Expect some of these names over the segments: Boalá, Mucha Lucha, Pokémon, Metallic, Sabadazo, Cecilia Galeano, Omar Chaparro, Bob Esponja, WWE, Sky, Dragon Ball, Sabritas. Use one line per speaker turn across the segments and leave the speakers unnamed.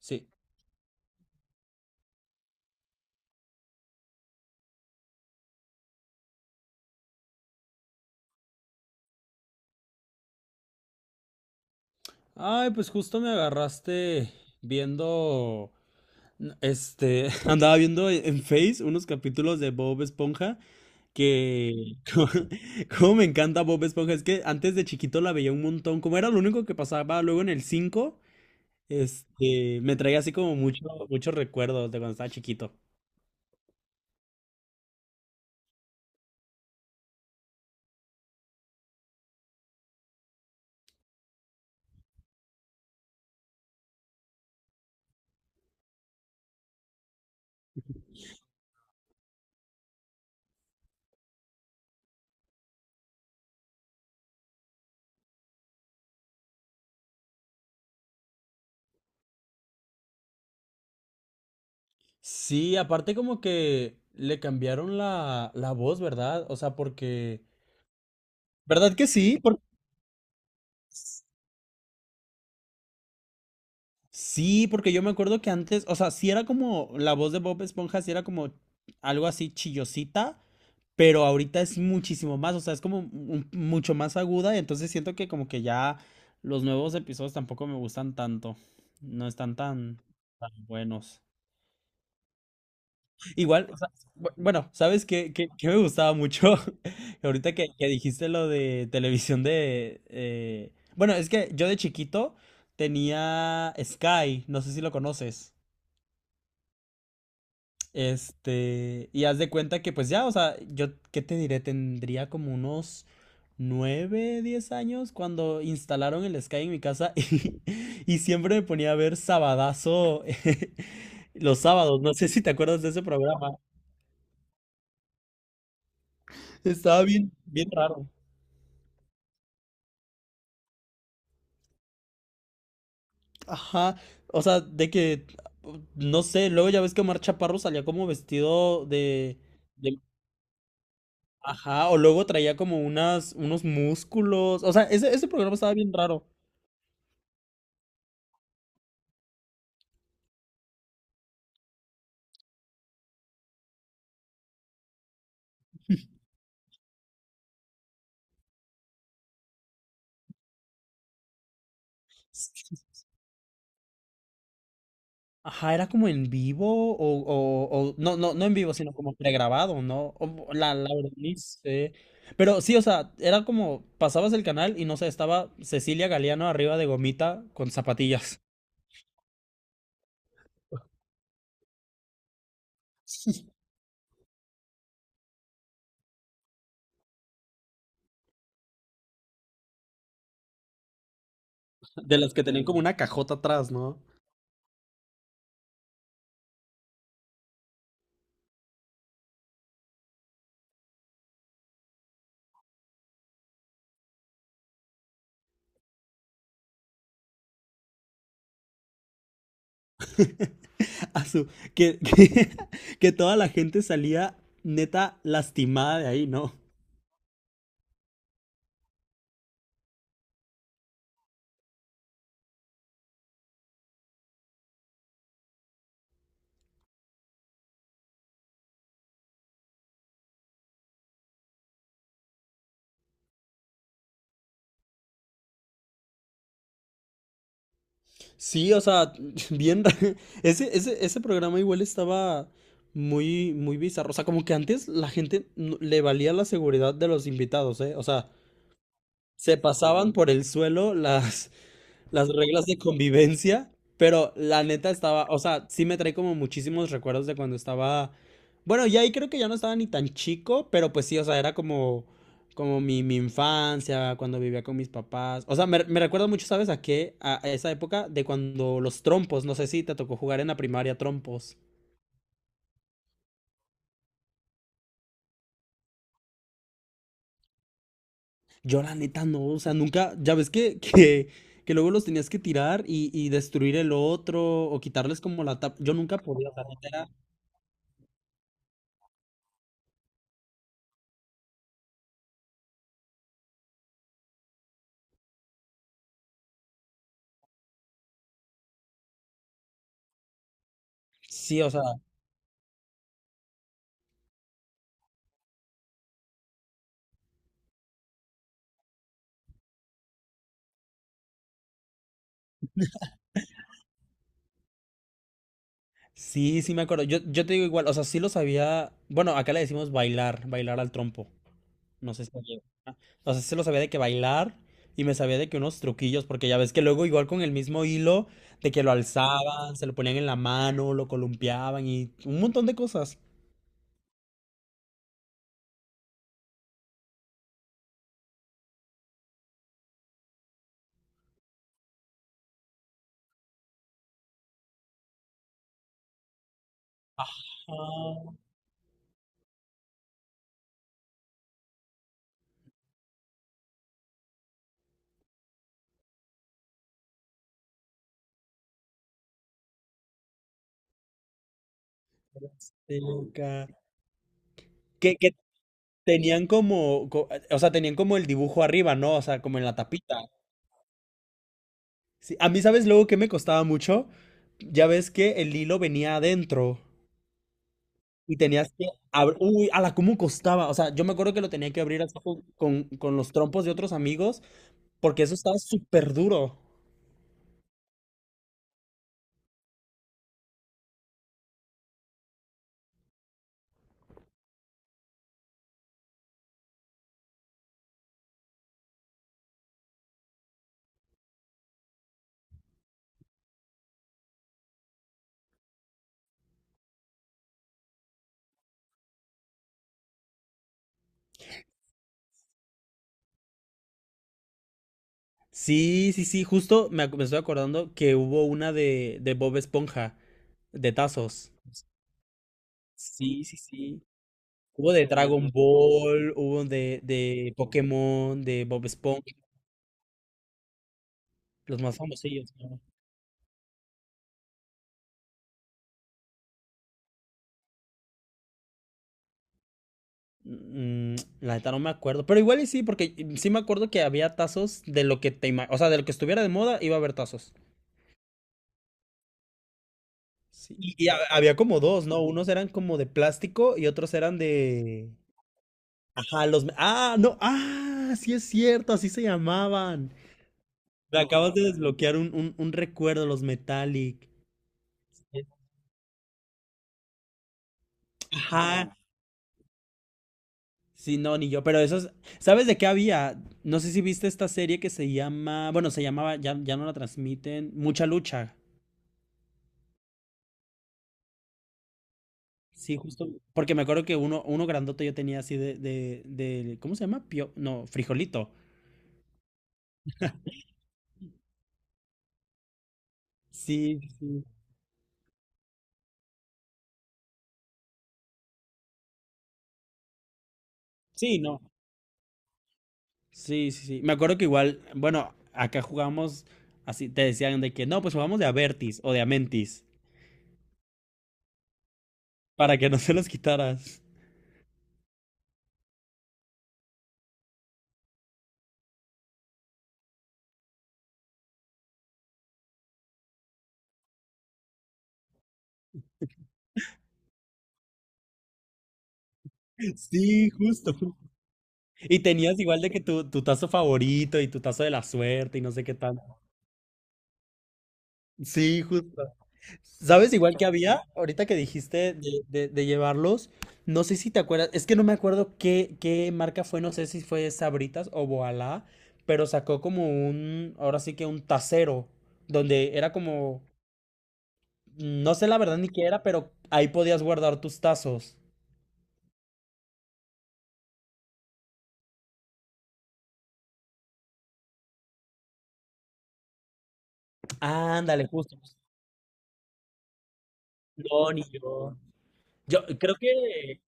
Sí. Ay, pues justo me agarraste viendo, andaba viendo en Face unos capítulos de Bob Esponja que, cómo cómo me encanta Bob Esponja, es que antes de chiquito la veía un montón, como era lo único que pasaba luego en el cinco. Me traía así como mucho, muchos recuerdos de cuando estaba chiquito. Sí, aparte como que le cambiaron la voz, ¿verdad? O sea, porque... ¿Verdad que sí? Sí, porque yo me acuerdo que antes, o sea, sí era como la voz de Bob Esponja, sí era como algo así chillosita, pero ahorita es muchísimo más, o sea, es como mucho más aguda, y entonces siento que como que ya los nuevos episodios tampoco me gustan tanto, no están tan, tan buenos. Igual, o sea, bueno, ¿sabes qué, qué me gustaba mucho? Ahorita que dijiste lo de televisión de... Bueno, es que yo de chiquito tenía Sky, no sé si lo conoces. Y haz de cuenta que pues ya, o sea, yo, ¿qué te diré? Tendría como unos 9 10 años cuando instalaron el Sky en mi casa y siempre me ponía a ver Sabadazo los sábados. No sé si te acuerdas de ese programa. Estaba bien, bien raro. Ajá, o sea, de que, no sé, luego ya ves que Omar Chaparro salía como vestido de, de- ajá, o luego traía como unas, unos músculos. O sea, ese programa estaba bien raro. Ajá, era como en vivo o, no, no, no en vivo, sino como pregrabado, ¿no? La, la verdad, ni sé. Pero sí, o sea, era como pasabas el canal y no sé, estaba Cecilia Galeano arriba de gomita con zapatillas. De las que tenían como una cajota atrás, ¿no? A su, que, que toda la gente salía neta lastimada de ahí, ¿no? Sí, o sea, bien ra- Ese, ese, ese programa igual estaba muy, muy bizarro. O sea, como que antes la gente le valía la seguridad de los invitados, ¿eh? O sea, se pasaban por el suelo las reglas de convivencia, pero la neta estaba, o sea, sí me trae como muchísimos recuerdos de cuando estaba, bueno, ya ahí creo que ya no estaba ni tan chico, pero pues sí, o sea, era como, como mi infancia, cuando vivía con mis papás, o sea, me recuerdo mucho, ¿sabes a qué? A esa época de cuando los trompos, no sé si te tocó jugar en la primaria trompos. Yo la neta no, o sea, nunca, ya ves que luego los tenías que tirar y destruir el otro o quitarles como la tapa. Yo nunca podía, o sea, sí, o sea, Sí, sí me acuerdo. Yo te digo igual, o sea, sí lo sabía. Bueno, acá le decimos bailar, bailar al trompo. No sé si allá- ah, O sea, sí lo sabía de que bailar y me sabía de que unos truquillos, porque ya ves que luego igual con el mismo hilo, de que lo alzaban, se lo ponían en la mano, lo columpiaban y un montón de cosas. Ah, sí, acá. Que tenían como, o sea, tenían como el dibujo arriba, ¿no? O sea, como en la tapita. Sí, a mí, ¿sabes luego que me costaba mucho? Ya ves que el hilo venía adentro. Y tenías que abrir. Uy, a la cómo costaba. O sea, yo me acuerdo que lo tenía que abrir así con, con los trompos de otros amigos, porque eso estaba súper duro. Sí, sí, sí, justo me, me estoy acordando que hubo una de Bob Esponja, de tazos. Sí, sí, sí. Hubo de Dragon Ball, hubo de Pokémon, de Bob Esponja, los más famosillos, ¿no? Mm, la neta no me acuerdo, pero igual y sí, porque mm, sí me acuerdo que había tazos de lo que te o sea, de lo que estuviera de moda iba a haber tazos. Sí, Y, y había como dos, ¿no? Unos eran como de plástico y otros eran de... Ajá, los... Ah, no, ah, sí es cierto, así se llamaban. Me acabas de desbloquear un recuerdo, los Metallic. Ajá. Sí, no, ni yo, pero esos... ¿Sabes de qué había? No sé si viste esta serie que se llama... Bueno, se llamaba, ya, ya no la transmiten, Mucha Lucha. Sí, justo. Porque me acuerdo que uno, uno grandote yo tenía así de... ¿Cómo se llama? Pio... No, frijolito. Sí, sí. Sí, no. Sí, sí, sí. Me acuerdo que igual, bueno, acá jugamos así, te decían de que no, pues jugamos de Avertis o de Amentis, para que no se los quitaras. Sí, justo. Y tenías igual de que tu tazo favorito y tu tazo de la suerte y no sé qué tal. Sí, justo. ¿Sabes igual que había? Ahorita que dijiste de, de llevarlos, no sé si te acuerdas, es que no me acuerdo qué, qué marca fue, no sé si fue Sabritas o Boalá, pero sacó como un, ahora sí que un tacero, donde era como No sé la verdad ni qué era, pero ahí podías guardar tus tazos. Ándale, justo. No, ni yo. Yo creo que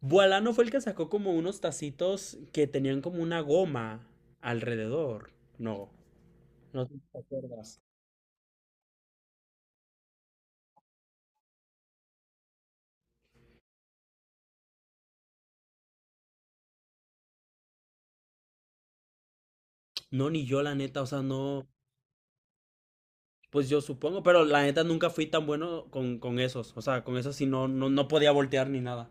Boalano fue el que sacó como unos tacitos que tenían como una goma alrededor. No, no sé si te acuerdas. No, ni yo, la neta, o sea, no. Pues yo supongo, pero la neta nunca fui tan bueno con esos. O sea, con esos sí no, no, no podía voltear ni nada.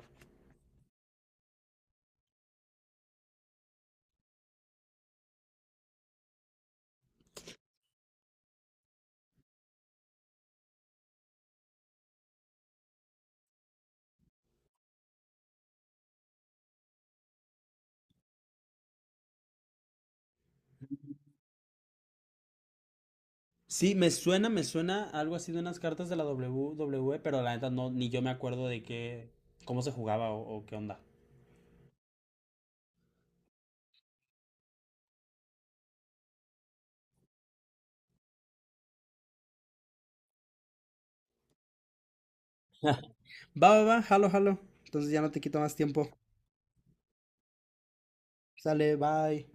Sí, me suena algo así de unas cartas de la WWE, pero la neta no, ni yo me acuerdo de qué, cómo se jugaba o qué onda. Va, va, va, jalo, jalo. Entonces ya no te quito más tiempo. Sale, bye.